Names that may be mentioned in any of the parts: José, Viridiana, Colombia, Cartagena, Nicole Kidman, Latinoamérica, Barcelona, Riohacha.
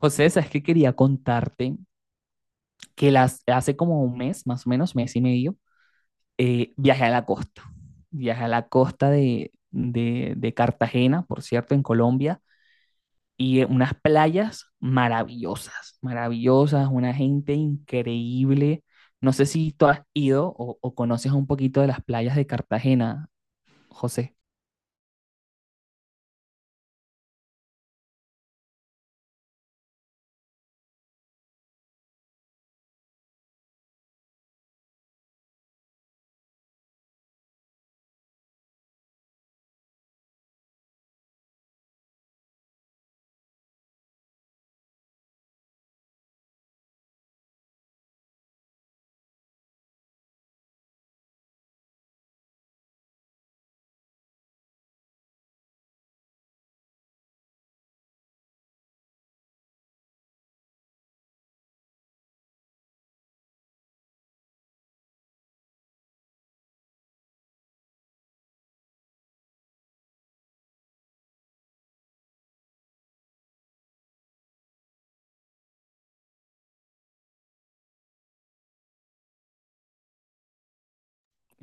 José, sabes que quería contarte que las, hace como un mes, más o menos, mes y medio, viajé a la costa. Viajé a la costa de, de Cartagena, por cierto, en Colombia, y unas playas maravillosas, maravillosas, una gente increíble. No sé si tú has ido o conoces un poquito de las playas de Cartagena, José.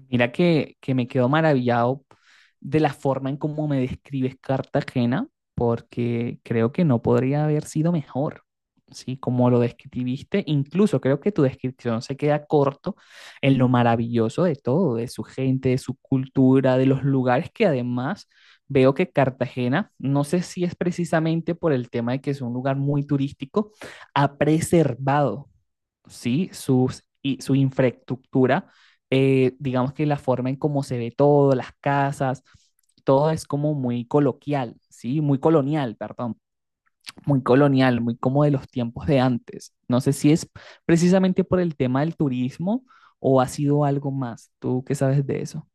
Mira que me quedo maravillado de la forma en cómo me describes Cartagena, porque creo que no podría haber sido mejor, ¿sí? Como lo describiste, incluso creo que tu descripción se queda corto en lo maravilloso de todo, de su gente, de su cultura, de los lugares que además veo que Cartagena, no sé si es precisamente por el tema de que es un lugar muy turístico, ha preservado, ¿sí? Sus, y su infraestructura, digamos que la forma en cómo se ve todo, las casas, todo es como muy coloquial, ¿sí? Muy colonial, perdón, muy colonial, muy como de los tiempos de antes. No sé si es precisamente por el tema del turismo o ha sido algo más. ¿Tú qué sabes de eso?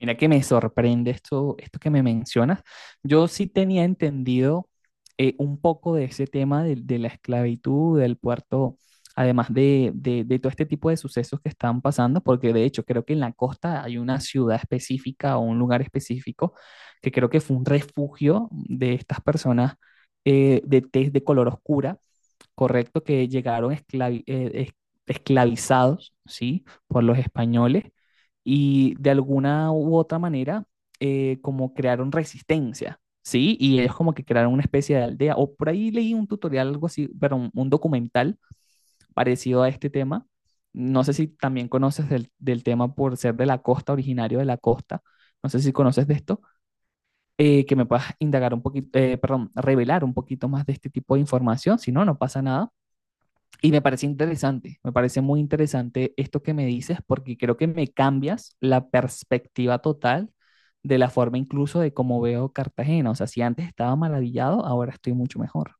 Mira que me sorprende esto, esto que me mencionas. Yo sí tenía entendido un poco de ese tema de la esclavitud, del puerto, además de, de todo este tipo de sucesos que están pasando, porque de hecho creo que en la costa hay una ciudad específica o un lugar específico que creo que fue un refugio de estas personas, de tez de color oscura, correcto, que llegaron esclavizados, ¿sí? Por los españoles, y de alguna u otra manera, como crearon resistencia, ¿sí? Y ellos como que crearon una especie de aldea, o por ahí leí un tutorial, algo así, pero un documental parecido a este tema. No sé si también conoces del, del tema por ser de la costa, originario de la costa. No sé si conoces de esto, que me puedas indagar un poquito, perdón, revelar un poquito más de este tipo de información. Si no, no pasa nada. Y me parece interesante, me parece muy interesante esto que me dices porque creo que me cambias la perspectiva total de la forma incluso de cómo veo Cartagena. O sea, si antes estaba maravillado, ahora estoy mucho mejor.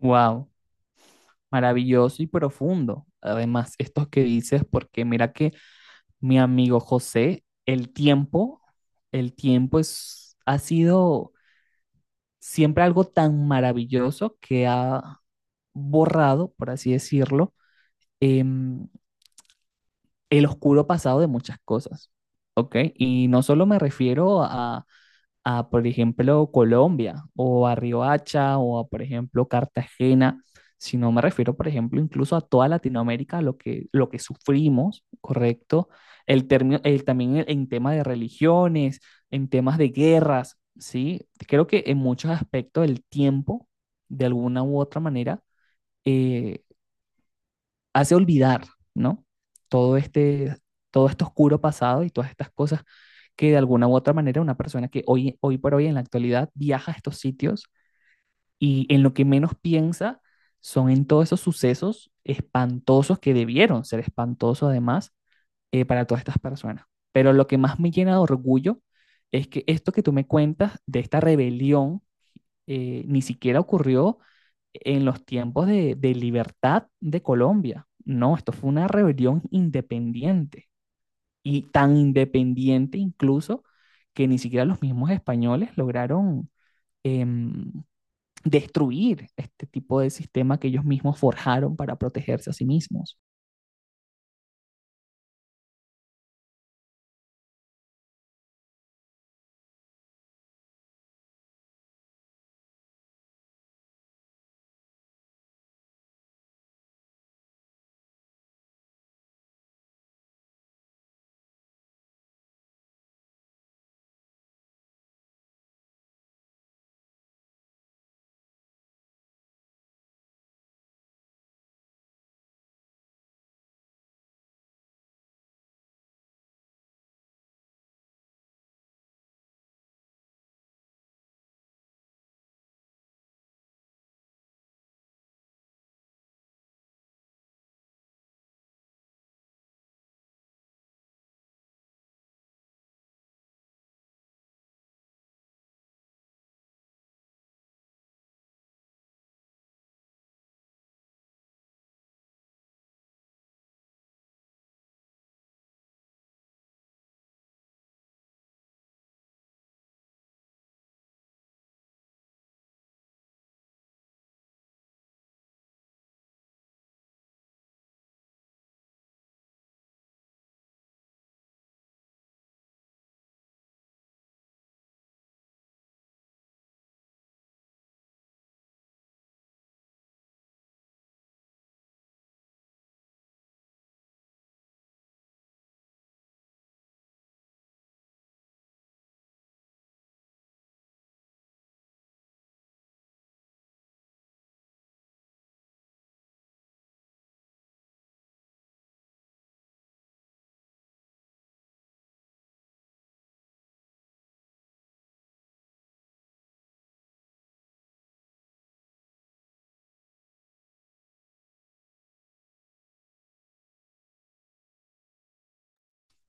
Wow, maravilloso y profundo. Además, estos que dices, porque mira que mi amigo José, el tiempo es, ha sido siempre algo tan maravilloso que ha borrado, por así decirlo, em, el oscuro pasado de muchas cosas, ¿ok? Y no solo me refiero a, por ejemplo, Colombia o a Riohacha o a, por ejemplo, Cartagena, sino me refiero, por ejemplo, incluso a toda Latinoamérica, lo que sufrimos, ¿correcto? El término, el, también en temas de religiones, en temas de guerras, ¿sí? Creo que en muchos aspectos el tiempo, de alguna u otra manera, eh, hace olvidar, ¿no? Todo este, todo este oscuro pasado y todas estas cosas que de alguna u otra manera una persona que hoy, hoy por hoy en la actualidad viaja a estos sitios y en lo que menos piensa son en todos esos sucesos espantosos que debieron ser espantosos además, para todas estas personas. Pero lo que más me llena de orgullo es que esto que tú me cuentas de esta rebelión ni siquiera ocurrió en los tiempos de libertad de Colombia. No, esto fue una rebelión independiente y tan independiente incluso que ni siquiera los mismos españoles lograron, em, destruir este tipo de sistema que ellos mismos forjaron para protegerse a sí mismos.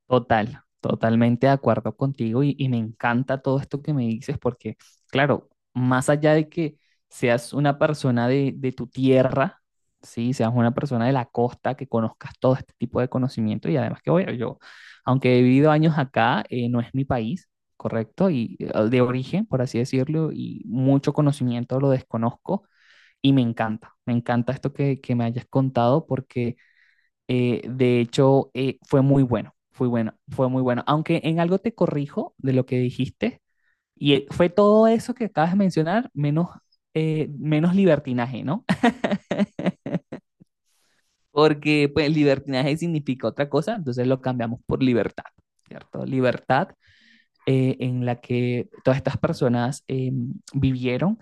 Total, totalmente de acuerdo contigo y me encanta todo esto que me dices porque, claro, más allá de que seas una persona de tu tierra, sí, seas una persona de la costa, que conozcas todo este tipo de conocimiento y además que, bueno, yo, aunque he vivido años acá, no es mi país, correcto, y de origen, por así decirlo, y mucho conocimiento lo desconozco y me encanta esto que me hayas contado porque de hecho, fue muy bueno, fue muy bueno. Aunque en algo te corrijo de lo que dijiste, y fue todo eso que acabas de mencionar, menos, menos libertinaje, ¿no? Porque pues libertinaje significa otra cosa, entonces lo cambiamos por libertad, ¿cierto? Libertad en la que todas estas personas vivieron.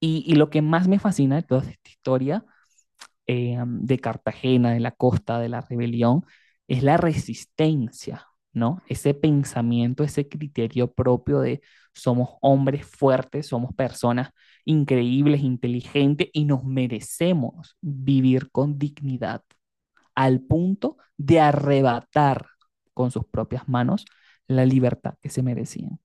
Y lo que más me fascina de toda esta historia, de Cartagena, de la costa, de la rebelión, es la resistencia, ¿no? Ese pensamiento, ese criterio propio de somos hombres fuertes, somos personas increíbles, inteligentes y nos merecemos vivir con dignidad al punto de arrebatar con sus propias manos la libertad que se merecían.